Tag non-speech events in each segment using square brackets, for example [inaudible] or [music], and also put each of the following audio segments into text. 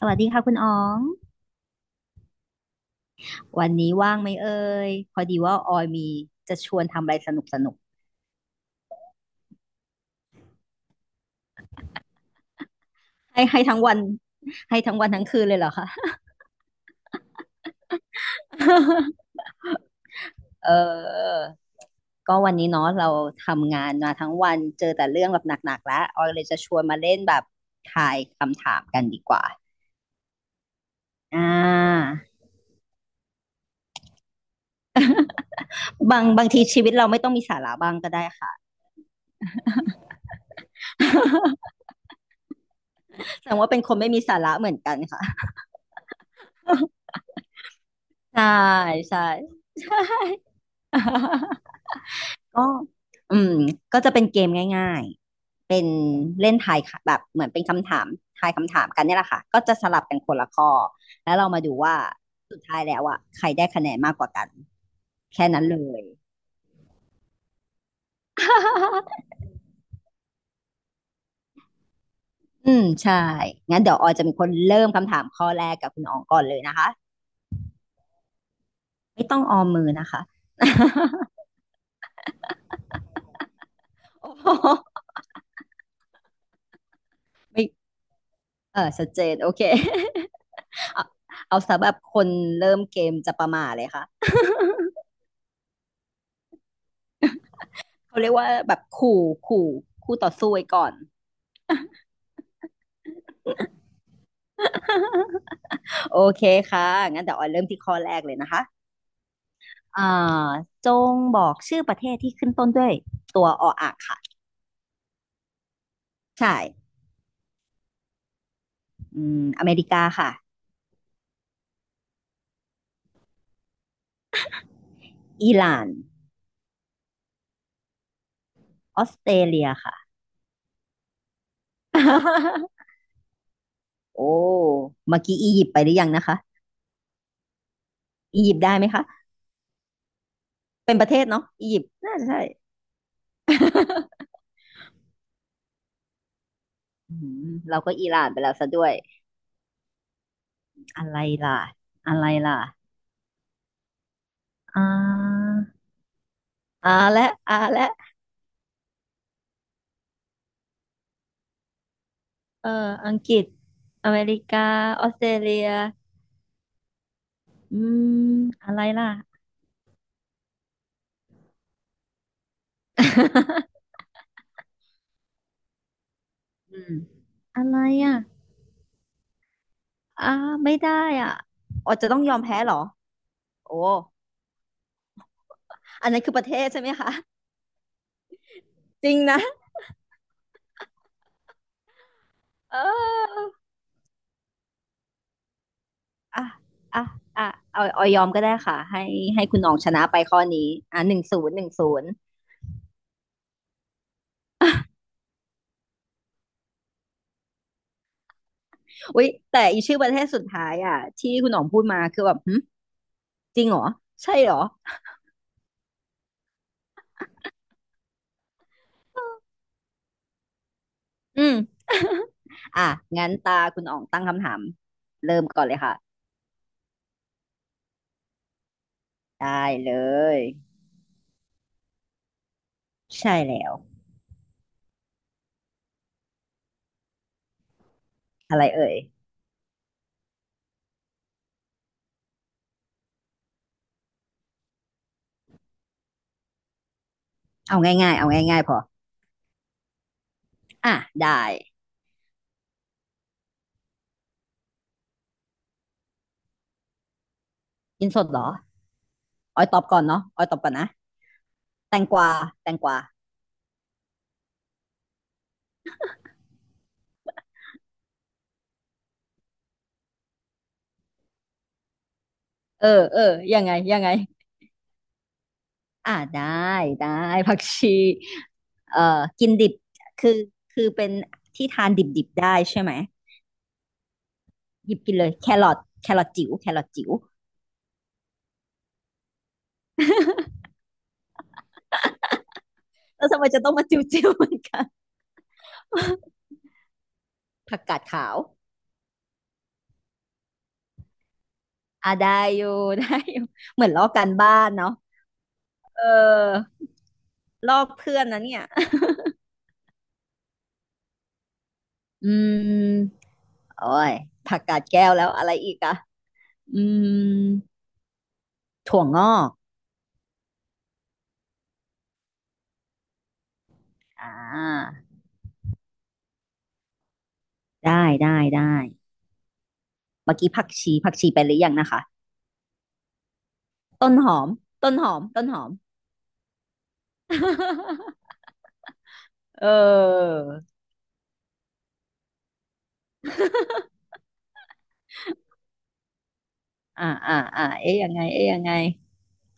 สวัสดีค่ะคุณอ๋องวันนี้ว่างไหมเอ่ยพอดีว่าออยมีจะชวนทำอะไรสนุกสนุกให้ให้ทั้งวันให้ทั้งวันทั้งคืนเลยเหรอคะ [laughs] เออก็วันนี้เนาะเราทำงานมาทั้งวันเจอแต่เรื่องแบบหนักๆแล้วออยเลยจะชวนมาเล่นแบบทายคำถามกันดีกว่าอ่าบางทีชีวิตเราไม่ต้องมีสาระบ้างก็ได้ค่ะแสดงว่าเป็นคนไม่มีสาระเหมือนกันค่ะใช่ใช่ [laughs] ใช่ ก็อืมก็จะเป็นเกมง่ายๆเป็นเล่นทายค่ะแบบเหมือนเป็นคำถามทายคำถามกันเนี่ยแหละค่ะก็จะสลับกันคนละข้อแล้วเรามาดูว่าสุดท้ายแล้วอ่ะใครได้คะแนนมากกว่ากันแค่นั้นเลย [laughs] อืมใช่งั้นเดี๋ยวออยจะเป็นคนเริ่มคำถามข้อแรกกับคุณอองก่อนเลยนะคะไม่ต้องออมมือนะคะ [laughs] โอ้โหไม่เออชัดเจนโอเค [laughs] เอาเอาสำหรับคนเริ่มเกมจะประมาทเลยค่ะ เขาเรียกว่าแบบขู่ขู่คู่ต่อสู้ไว้ก่อนโอเคค่ะงั้นเดี๋ยวออยเริ่มที่ข้อแรกเลยนะคะอ่าจงบอกชื่อประเทศที่ขึ้นต้นด้วยตัวออ่างค่ะใช่อืมอเมริกาค่ะอิหร่านออสเตรเลียค่ะ [laughs] โอ้เมื่อกี้อียิปต์ไปหรือยังนะคะอียิปต์ได้ไหมคะเป็นประเทศเนาะอียิปต์น่าจะใช่ [laughs] อืมเราก็อิหร่านไปแล้วซะด้วย อะไรล่ะอะไรล่ะอ่าและและ เอออังกฤษอเมริกาออสเตรเลียอืมอะไรล่ะ [laughs] อืมอะไรอ่ะอ่าไม่ได้อ่ะอ๋อจะต้องยอมแพ้เหรอโอ้อันนั้นคือประเทศใช่ไหมคะ [laughs] จริงนะเอออ่ะอ่ะอ่ะเอาเอายอมก็ได้ค่ะให้ให้คุณน้องชนะไปข้อนี้อ่ะหนึ่งศูนย์หนึ่งศูนย์อุ้ยแต่อีชื่อประเทศสุดท้ายอ่ะที่คุณน้องพูดมาคือแบบหึจริงเหรอใช่เหรออืม อ่ะงั้นตาคุณอ๋องตั้งคำถามเริ่มก่อนเลยค่ะได้เลยใช่แล้วอะไรเอ่ยเอาง่ายๆเอาง่ายๆพออ่ะได้กินสดเหรอออยตอบก่อนเนาะออยตอบก่อนนะแตงกวาแตงกวาเออเออยังไงยังไงอ่ะได้ได้ผักชีกินดิบคือคือเป็นที่ทานดิบๆได้ใช่ไหมหยิบกินเลยแครอทแครอทจิ๋วแครอทจิ๋วแล้วทำไมจะต้องมาจิ๋วๆเหมือนกันผักกาดขาว อ่ะได้อยู่ [laughs] ได้อยู่เหมือนลอกการบ้านเนาะเออลอกเพื่อนนะเนี่ย [laughs] อืมโอ้ยผักกาดแก้วแล้วอะไรอีกอะอืมถั่วงอกอ่าได้ได้ได้เมื่อกี้ผักชีผักชีไปหรือยังนะคะต้นหอมต้นหอมต้นหอม [laughs] เออเอ๊ะยังไงเอ๊ะยังไง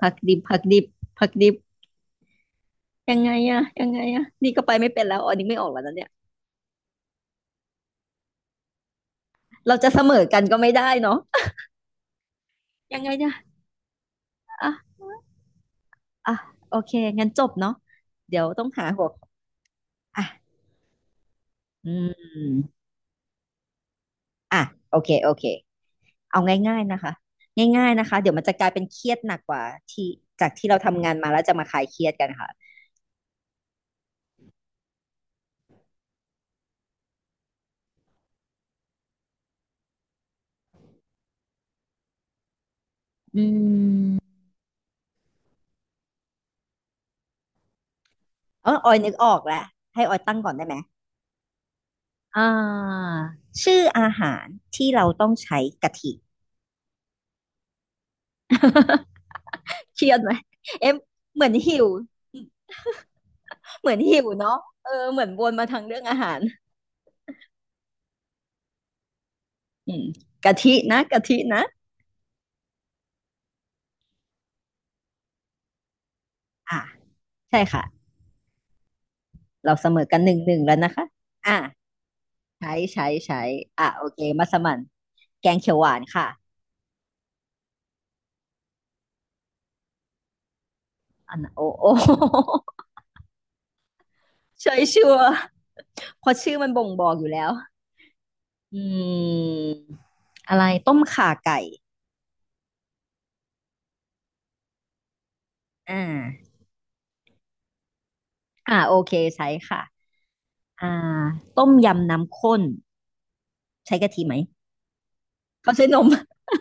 ผักดิบผักดิบผักดิบยังไงอะยังไงอะนี่ก็ไปไม่เป็นแล้วอ๋อนี่ไม่ออกแล้วนะเนี่ย เราจะเสมอกันก็ไม่ได้เนาะยังไงเนี่ยอ่ะอ่ะโอเคงั้นจบเนาะเดี๋ยวต้องหาหัวออ่ะอืมอ่ะโอเคโอเคเอาง่ายๆนะคะง่ายๆนะคะเดี๋ยวมันจะกลายเป็นเครียดหนักกว่าที่จากที่เราทำงานมาแล้วจะมาคลายเครียดกันค่ะอืมเออออยนึกออกแล้วให้ออยตั้งก่อนได้ไหมอ่าชื่ออาหารที่เราต้องใช้กะทิ [laughs] เครียดไหมเอ็มเหมือนหิวเหมือนหิวเนาะเออเหมือนวนมาทางเรื่องอาหาร อืมกะทินะกะทินะอ่าใช่ค่ะเราเสมอกันหนึ่งหนึ่งแล้วนะคะอ่าใช้ใช้ใช้โอเคมัสมั่นแกงเขียวหวานค่ะอันน่ะโอ้โอ้ [laughs] ใช่ชัวร์เพราะชื่อมันบ่งบอกอยู่แล้วอืมอะไรต้มข่าไก่อ่าโอเคใช้ค่ะอ่าต้มยำน้ำข้นใช้กะทิไหมเขาใช้นม [laughs]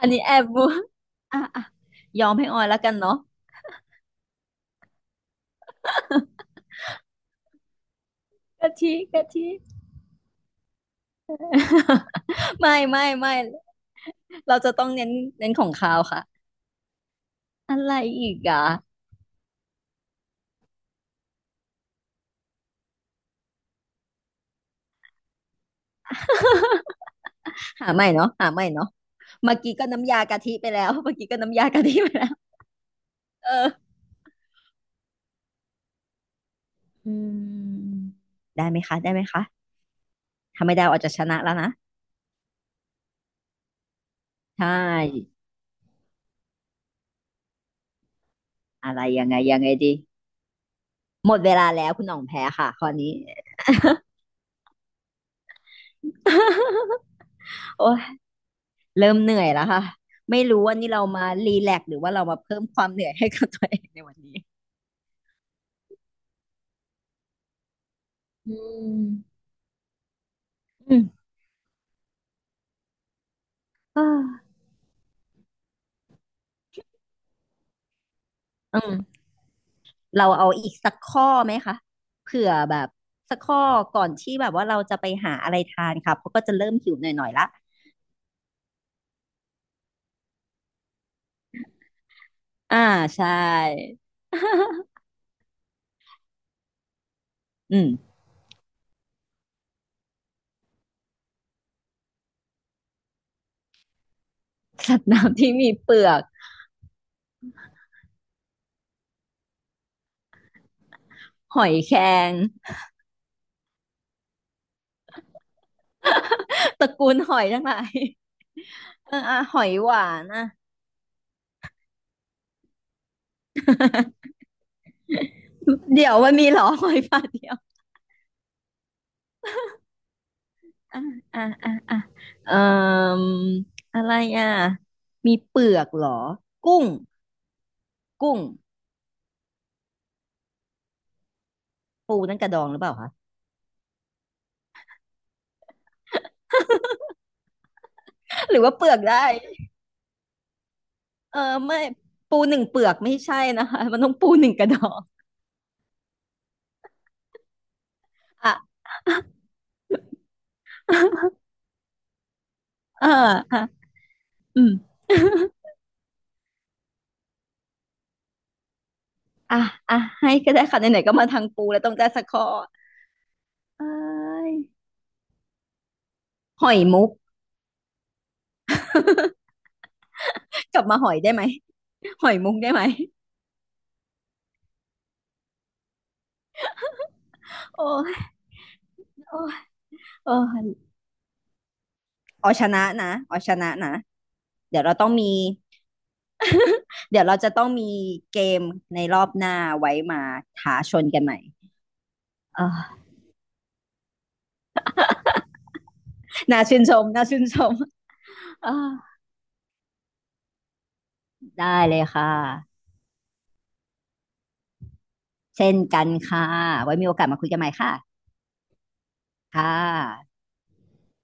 อันนี้แอบ [laughs] บัวอ่ะอ่ะยอมให้ออยแล้วกันเนาะกะทิกะทิ [laughs] ไม่ไม่ไม่เราจะต้องเน้นเน้นของคาวค่ะอะไรอีกอ่ะหาใหม่เนาะหาใหม่เนาะเมื่อกี้ก็น้ำยากะทิไปแล้วเมื่อกี้ก็น้ำยากะทิไปแล้วเอออืมได้ไหมคะได้ไหมคะถ้าไม่ได้อาจจะชนะแล้วนะใช่อะไรยังไงยังไงดีหมดเวลาแล้วคุณหน่องแพ้ค่ะข้อนี้ [laughs] โอ้ยเริ่มเหนื่อยแล้วค่ะไม่รู้ว่านี่เรามารีแลกซ์หรือว่าเรามาเพิ่มความเหนื่อยให้กับตัวเองในวันนี้อืมอืม อืม เราเอาอีกสักข้อไหมคะเผื่อแบบสักข้อก่อนที่แบบว่าเราจะไปหาอะไรทานค่ะเพราะก็จะเริ่มหิวหน่อยๆละอ่าใช่ [laughs] อืมสัตว์น้ำที่มีเปลือกหอยแครง [laughs] ตระกูลหอยทั้งหลาย [laughs] เอออ่ะหอยหวานอ่ะเดี๋ยวมันมีเหรอ [laughs] หอยฝาดเดียวอ่ะอ่ะอ่ะอ่ะเอ่ออะไรอ่ะมีเปลือกเหรอกุ้งกุ้งปูนั่นกระดองหรือเปล่าคะ [laughs] หรือว่าเปลือกได้ เออไม่ปูหนึ่งเปลือกไม่ใช่นะคะมันต้องปูหนึ่งกระดองอ่ะ [laughs] เอออ่ะอืม [laughs] อ่ะอ่ะให้ก็ได้ค่ะไหนๆก็มาทางปูแล้วต้องได้สักข้อเอ้ยหอยมุกกลับมาหอยได้ไหมหอยมุกได้ไหมโอ้ยโอ้ยโอ้ยเอาชนะนะเอาชนะนะเดี๋ยวเราต้องมีเดี๋ยวเราจะต้องมีเกมในรอบหน้าไว้มาท้าชนกันใหม่อ่าน่าชื่นชมน่าชื่นชมอ่าได้เลยค่ะ เช่นกันค่ะไว้มีโอกาสมาคุยกันใหม่ค่ะค่ะ